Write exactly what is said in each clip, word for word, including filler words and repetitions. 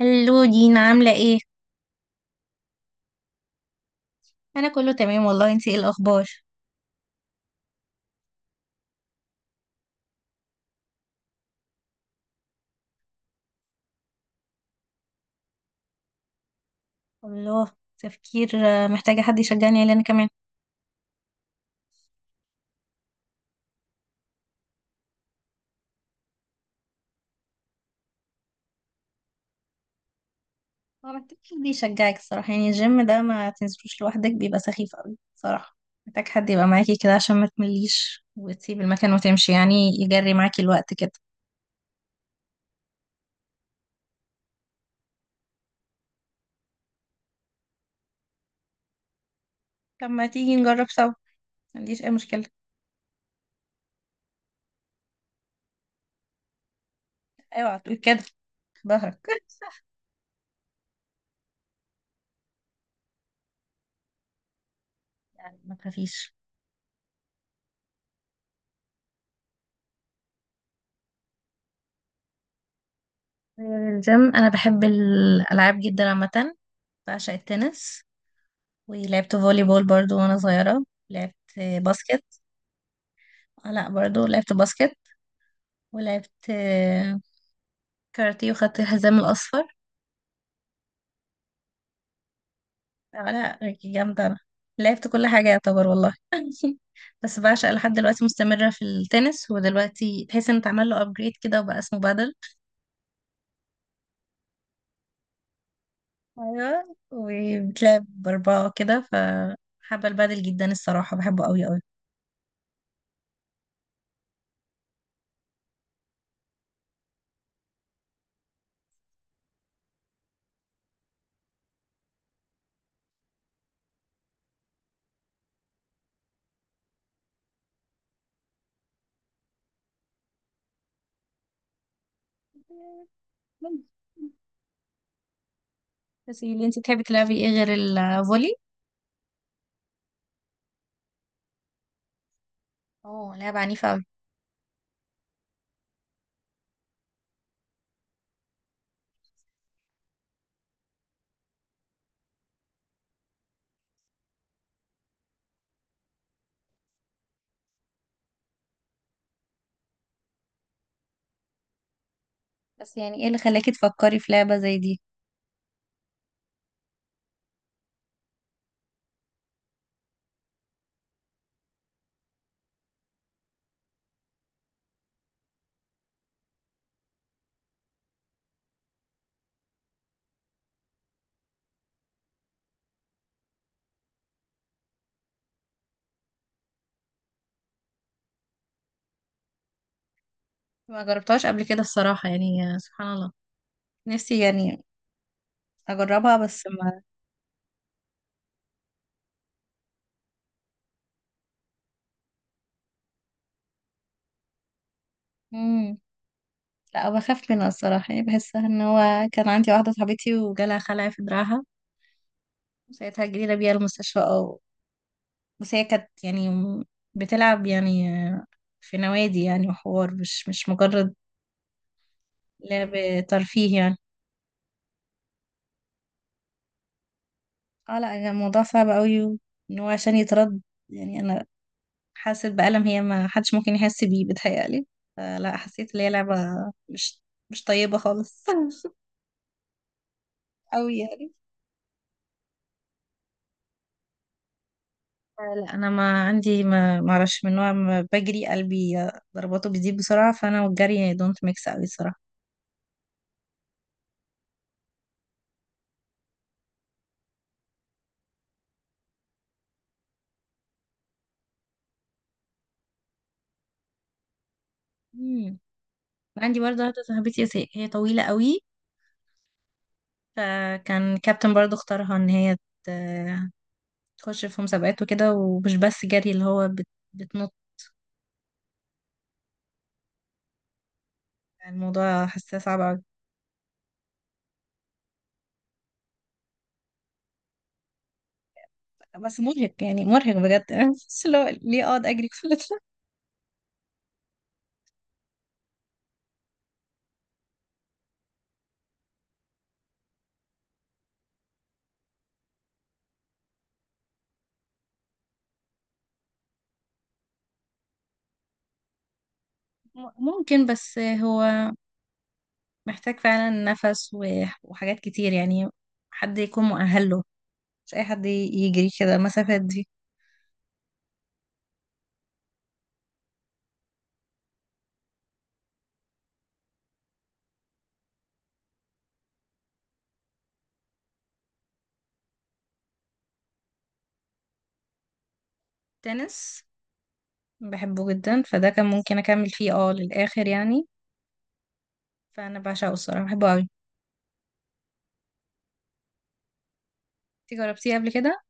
هلو دينا، عاملة ايه؟ أنا كله تمام والله. انتي ايه الأخبار؟ الله. تفكير، آه، محتاجة حد يشجعني عليه أنا كمان. هو محتاج حد يشجعك الصراحة، يعني الجيم ده ما تنزلوش لوحدك، بيبقى سخيف أوي صراحة. محتاج حد يبقى معاكي كده عشان ما تمليش وتسيب المكان وتمشي يعني، يجري معاكي الوقت كده. طب ما تيجي نجرب سوا، ما عنديش أي مشكلة. اوعى تقول كده، ظهرك يعني ما تخافيش. آه، الجيم، أنا بحب الألعاب جدا عامة. بعشق التنس، ولعبت فولي بول برضو وانا صغيرة. لعبت باسكت. آه، لا برضو لعبت باسكت. ولعبت آه، كاراتيه وخدت الحزام الأصفر. آه، لا، جامدة أنا. لعبت كل حاجة يعتبر والله بس بعشق لحد دلوقتي، مستمرة في التنس، ودلوقتي تحس ان اتعمل له ابجريد كده وبقى اسمه بادل. ايوه، وبتلعب بأربعة كده، فحابة البادل جدا الصراحة، بحبه قوي قوي. بس اللي انت بتحبي تلعبي ايه غير الفولي؟ اه، لعبة عنيفة أوي. بس يعني ايه اللي خلاكي تفكري في لعبة زي دي؟ ما جربتهاش قبل كده الصراحة، يعني سبحان الله، نفسي يعني اجربها بس ما. مم. لا، بخاف منها الصراحة، يعني بحسها ان هو كان عندي واحدة صاحبتي وجالها خلع في دراعها. ساعتها جرينا بيها المستشفى، او بس هي كانت يعني م- بتلعب يعني في نوادي يعني وحوار، مش مش مجرد لعب، ترفيه يعني. اه لا، يعني الموضوع صعب قوي، ان هو عشان يترد. يعني انا حاسة بألم هي ما حدش ممكن يحس بيه بتهيألي. لا، حسيت ان هي لعبة مش مش طيبة خالص أوي يعني. آه، لا، انا ما عندي ما ما اعرفش من نوع، ما بجري قلبي آه، ضرباته بتزيد بسرعه، فانا والجري دونت ميكس قوي الصراحه. مم. عندي برضه واحده صاحبتي، هي هي طويله قوي. فكان كابتن برضه اختارها ان هي ت- تخش في مسابقات وكده، ومش بس جري اللي هو بت- بتنط. الموضوع حاساه صعب. بس مرهق يعني، مرهق بجد بس لو ليه اقعد اجري كل ده. م- ممكن، بس هو محتاج فعلا نفس و- وحاجات كتير يعني، حد يكون مؤهل له. مش اي حد ي- يجري كده المسافات دي. تنس، بحبه جدا، فده كان ممكن اكمل فيه اه للاخر يعني. فانا بعشقه الصراحه، بحبه قوي. انتي جربتيه قبل كده؟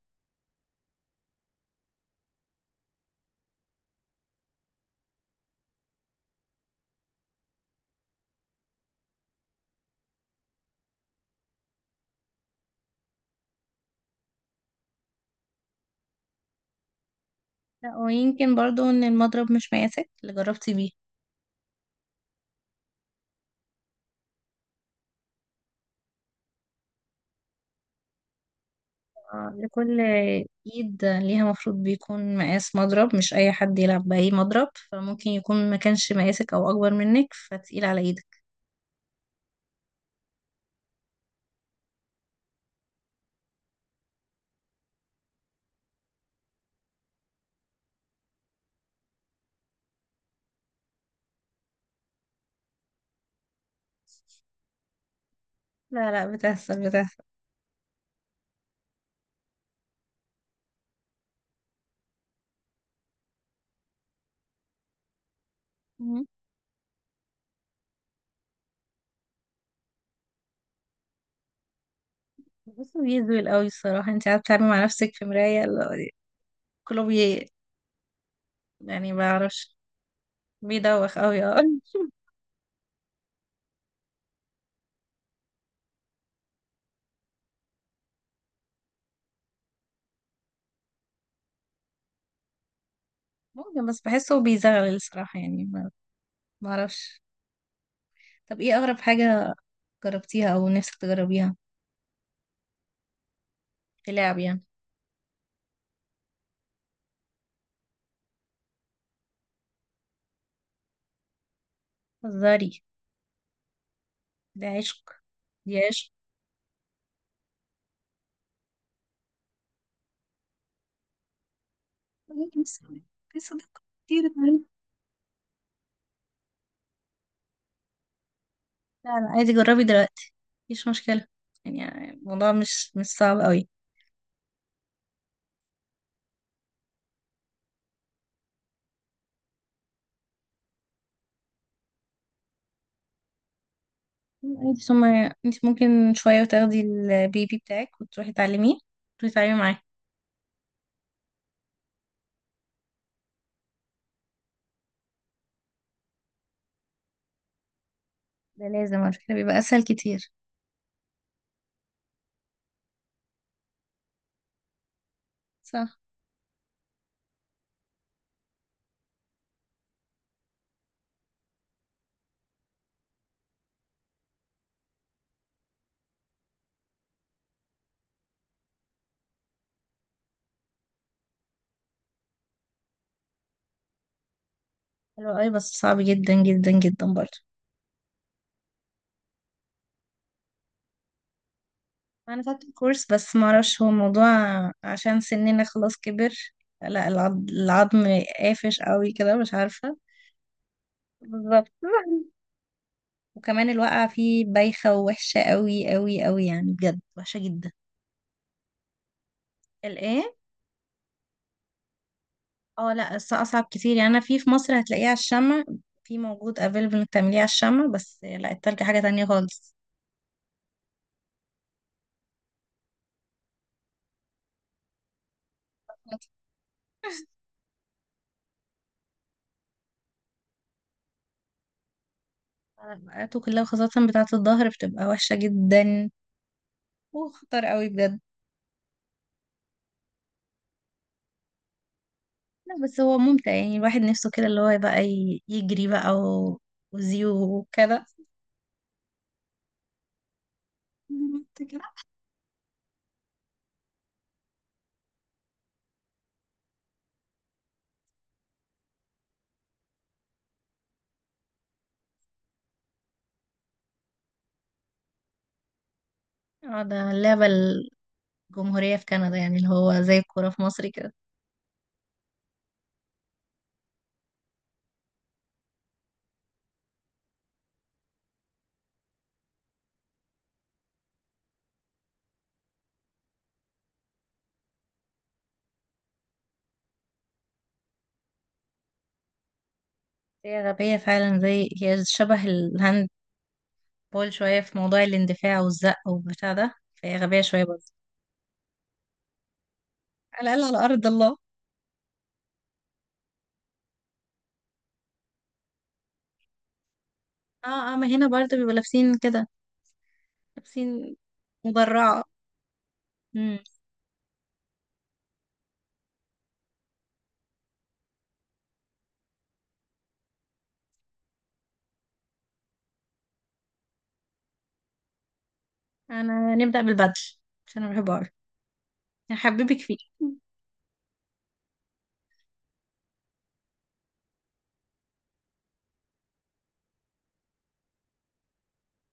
لا، ويمكن برضو ان المضرب مش مقاسك اللي جربتي بيه. آه، لكل ايد ليها مفروض بيكون مقاس مضرب، مش اي حد يلعب باي مضرب. فممكن يكون ما كانش مقاسك او اكبر منك فتقيل على ايدك. لا لا، بتحصل بتحصل. مم. بس بيزول قوي الصراحة، انت قاعدة بتتعاملي مع نفسك في مراية لا، كله بي. يعني ما بعرفش، بيدوخ قوي اه ممكن، بس بحسه بيزغل الصراحة، يعني ما ما اعرفش. طب ايه اغرب حاجة جربتيها او نفسك تجربيها في لعب يعني؟ هزاري. ده عشق. دي عشق. ممكن صديق- في صداقة كتير اتعملت. لا لا، عادي جربي دلوقتي، مفيش مشكلة. يعني الموضوع مش مش صعب قوي. عادي، ثم انت ممكن شوية وتاخدي البيبي بتاعك وتروحي تعلميه، تروحي تتعلمي معاه. ده لازم على فكرة، بيبقى أسهل كتير. صح. حلو قوي، بس صعب جدا جدا جدا برضه. أنا خدت كورس بس معرفش هو الموضوع، عشان سننا خلاص كبر. لا، العض- العظم قافش قوي كده، مش عارفة. بالظبط وكمان الواقعة فيه بايخة ووحشة قوي قوي قوي، يعني بجد وحشة جدا. الايه؟ اه لا، الس- اصعب كتير. يعني انا في في مصر هتلاقيه على الشمع. في موجود افيلبل انك تعمليه على الشمع، بس لا التلج حاجة تانية خالص. بقاته كلها خاصة بتاعة الظهر، بتبقى وحشة جدا وخطر قوي بجد. لا بس هو ممتع يعني، الواحد نفسه كده اللي هو بقى ي- يجري بقى و- وزيو وكده. كده. اه ده اللعبة الجمهورية في كندا، يعني اللي هو زي الكورة في مصر كده. هي غبية فعلا، زي هي شبه الهاند بول شوية في موضوع الاندفاع والزق والبتاع ده، فهي غبية شوية برضه. على الأقل على أرض الله. اه اه، ما هنا برضه بيبقوا لابسين كده. لابسين مدرعة. امم. أنا نبدأ بالبدل عشان أنا بحبه أوي، هحببك فيه.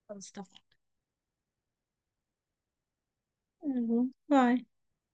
خلاص طبعا. باي.